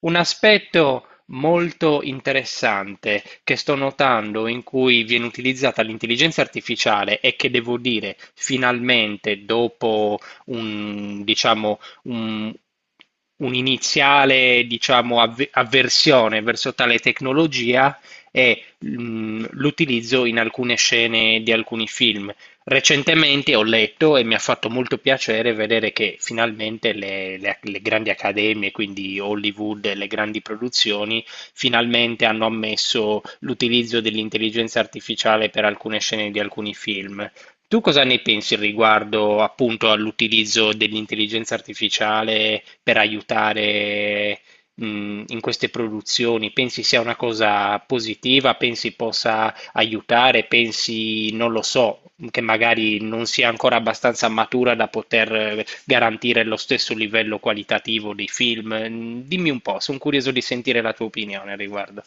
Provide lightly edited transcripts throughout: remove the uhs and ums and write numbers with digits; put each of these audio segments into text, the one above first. Un aspetto molto interessante che sto notando in cui viene utilizzata l'intelligenza artificiale, e che devo dire finalmente dopo un, diciamo, un, un'iniziale, diciamo, avversione verso tale tecnologia è l'utilizzo in alcune scene di alcuni film. Recentemente ho letto e mi ha fatto molto piacere vedere che finalmente le grandi accademie, quindi Hollywood e le grandi produzioni, finalmente hanno ammesso l'utilizzo dell'intelligenza artificiale per alcune scene di alcuni film. Tu cosa ne pensi riguardo appunto all'utilizzo dell'intelligenza artificiale per aiutare in queste produzioni? Pensi sia una cosa positiva? Pensi possa aiutare? Pensi, non lo so, che magari non sia ancora abbastanza matura da poter garantire lo stesso livello qualitativo dei film? Dimmi un po', sono curioso di sentire la tua opinione al riguardo.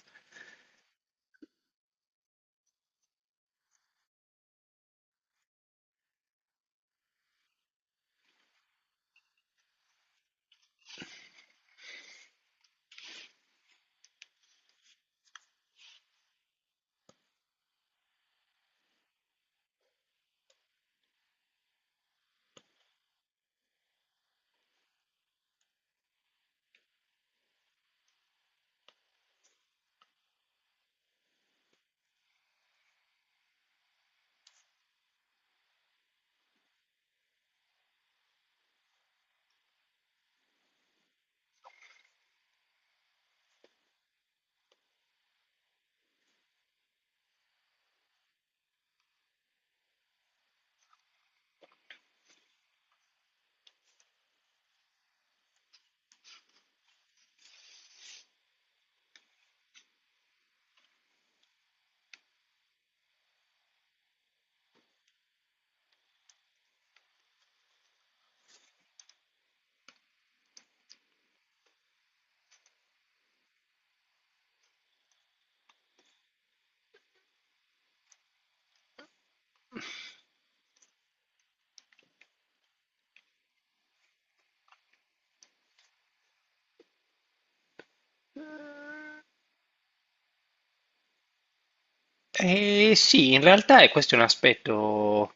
Eh sì, in realtà è questo è un aspetto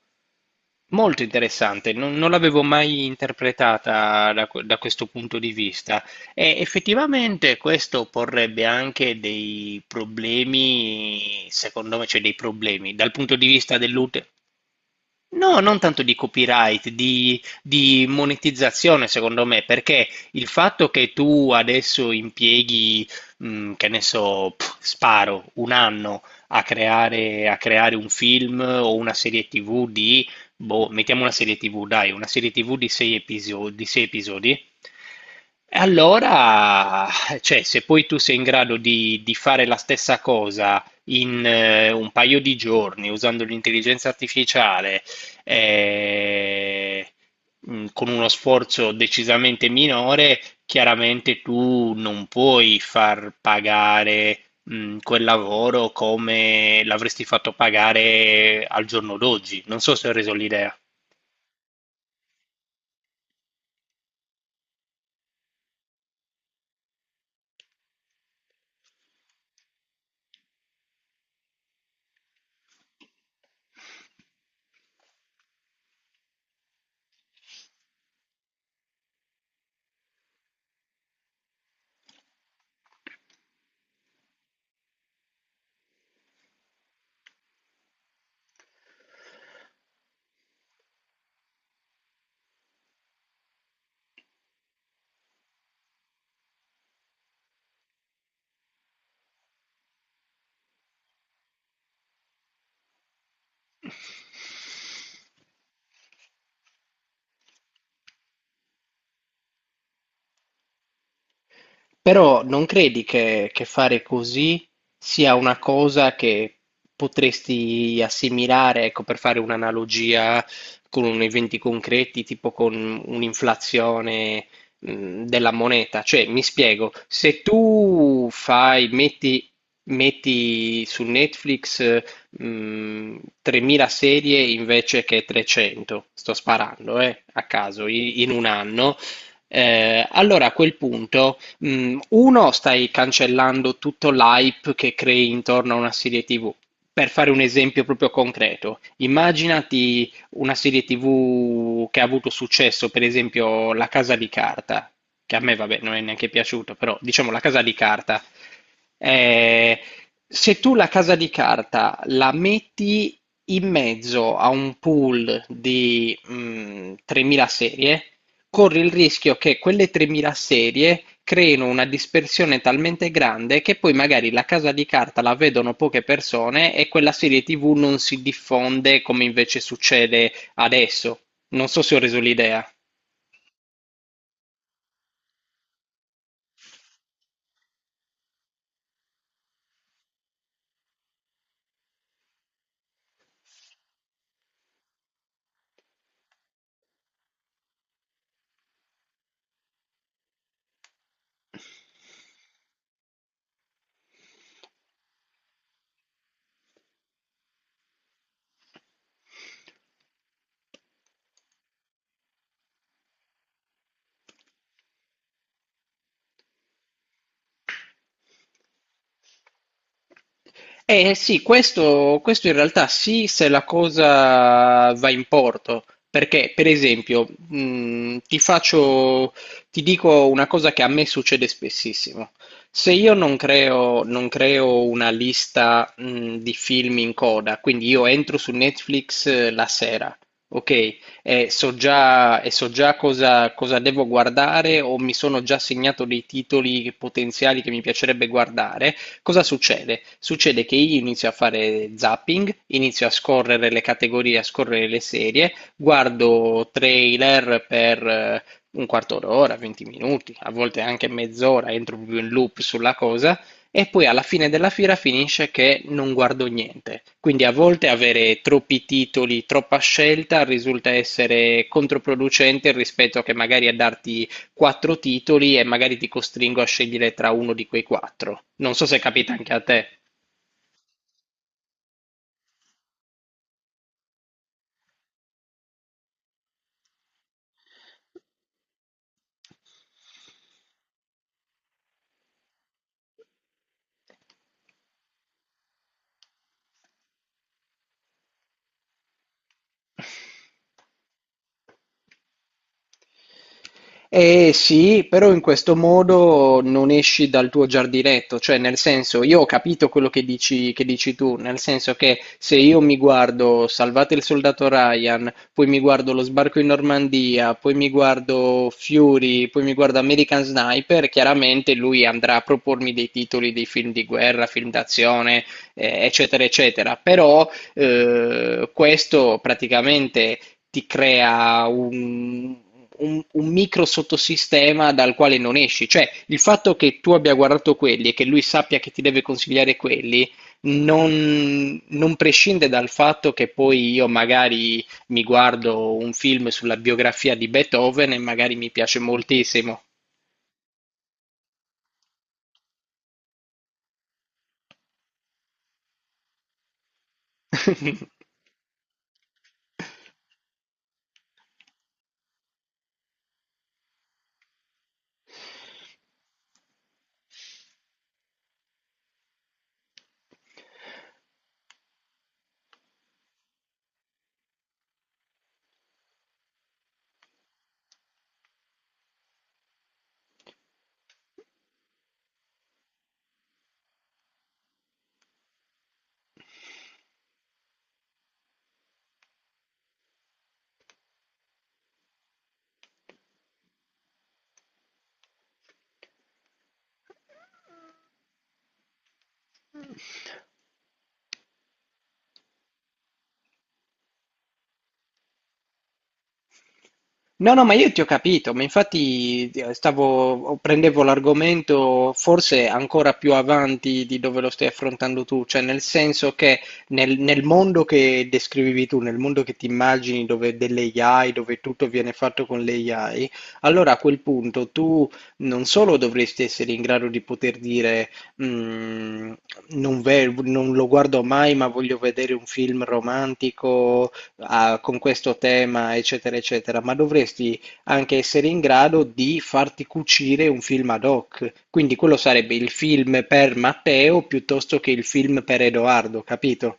molto interessante, non l'avevo mai interpretata da questo punto di vista, e effettivamente questo porrebbe anche dei problemi, secondo me, cioè dei problemi dal punto di vista dell'utente. No, non tanto di copyright, di monetizzazione, secondo me, perché il fatto che tu adesso impieghi, che ne so, pff, sparo, un anno a creare un film o una serie TV di, boh, mettiamo una serie TV, dai, una serie TV di sei episodi, di sei episodi. E allora, cioè, se poi tu sei in grado di fare la stessa cosa in un paio di giorni usando l'intelligenza artificiale, eh, con uno sforzo decisamente minore, chiaramente tu non puoi far pagare quel lavoro come l'avresti fatto pagare al giorno d'oggi. Non so se ho reso l'idea. Però non credi che fare così sia una cosa che potresti assimilare, ecco, per fare un'analogia con eventi concreti, tipo con un'inflazione, della moneta? Cioè, mi spiego, se tu fai, metti, metti su Netflix, mh, 3000 serie invece che 300, sto sparando, a caso, in un anno, allora a quel punto, uno, stai cancellando tutto l'hype che crei intorno a una serie TV. Per fare un esempio proprio concreto, immaginati una serie TV che ha avuto successo, per esempio La Casa di Carta, che a me, vabbè, non è neanche piaciuto, però diciamo La Casa di Carta. Eh, se tu La Casa di Carta la metti in mezzo a un pool di 3000 serie, corre il rischio che quelle tremila serie creino una dispersione talmente grande che poi magari la casa di carta la vedono poche persone e quella serie TV non si diffonde come invece succede adesso. Non so se ho reso l'idea. Eh sì, questo in realtà sì, se la cosa va in porto, perché per esempio, ti dico una cosa che a me succede spessissimo. Se io non creo una lista, di film in coda, quindi io entro su Netflix la sera, ok? E so già cosa devo guardare, o mi sono già segnato dei titoli potenziali che mi piacerebbe guardare. Cosa succede? Succede che io inizio a fare zapping, inizio a scorrere le categorie, a scorrere le serie, guardo trailer per un quarto d'ora, 20 minuti, a volte anche mezz'ora, entro proprio in loop sulla cosa, e poi alla fine della fiera finisce che non guardo niente. Quindi a volte avere troppi titoli, troppa scelta risulta essere controproducente rispetto a che magari a darti quattro titoli e magari ti costringo a scegliere tra uno di quei quattro. Non so se capita anche a te. Eh sì, però in questo modo non esci dal tuo giardinetto, cioè nel senso, io ho capito quello che dici tu, nel senso che se io mi guardo Salvate il Soldato Ryan, poi mi guardo Lo Sbarco in Normandia, poi mi guardo Fury, poi mi guardo American Sniper, chiaramente lui andrà a propormi dei titoli dei film di guerra, film d'azione, eccetera, eccetera, però questo praticamente ti crea un micro sottosistema dal quale non esci. Cioè, il fatto che tu abbia guardato quelli e che lui sappia che ti deve consigliare quelli, non prescinde dal fatto che poi io magari mi guardo un film sulla biografia di Beethoven e magari mi piace moltissimo. No, no, ma io ti ho capito, ma infatti prendevo l'argomento forse ancora più avanti di dove lo stai affrontando tu, cioè nel senso che nel mondo che descrivevi tu, nel mondo che ti immagini dove delle AI, dove tutto viene fatto con le AI, allora a quel punto tu non solo dovresti essere in grado di poter dire: "Mm, non lo guardo mai, ma voglio vedere un film romantico con questo tema, eccetera, eccetera", ma dovresti anche essere in grado di farti cucire un film ad hoc. Quindi quello sarebbe il film per Matteo piuttosto che il film per Edoardo, capito?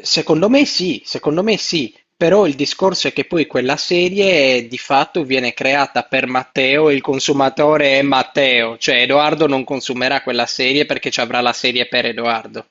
Secondo me sì, però il discorso è che poi quella serie di fatto viene creata per Matteo e il consumatore è Matteo, cioè Edoardo non consumerà quella serie perché ci avrà la serie per Edoardo.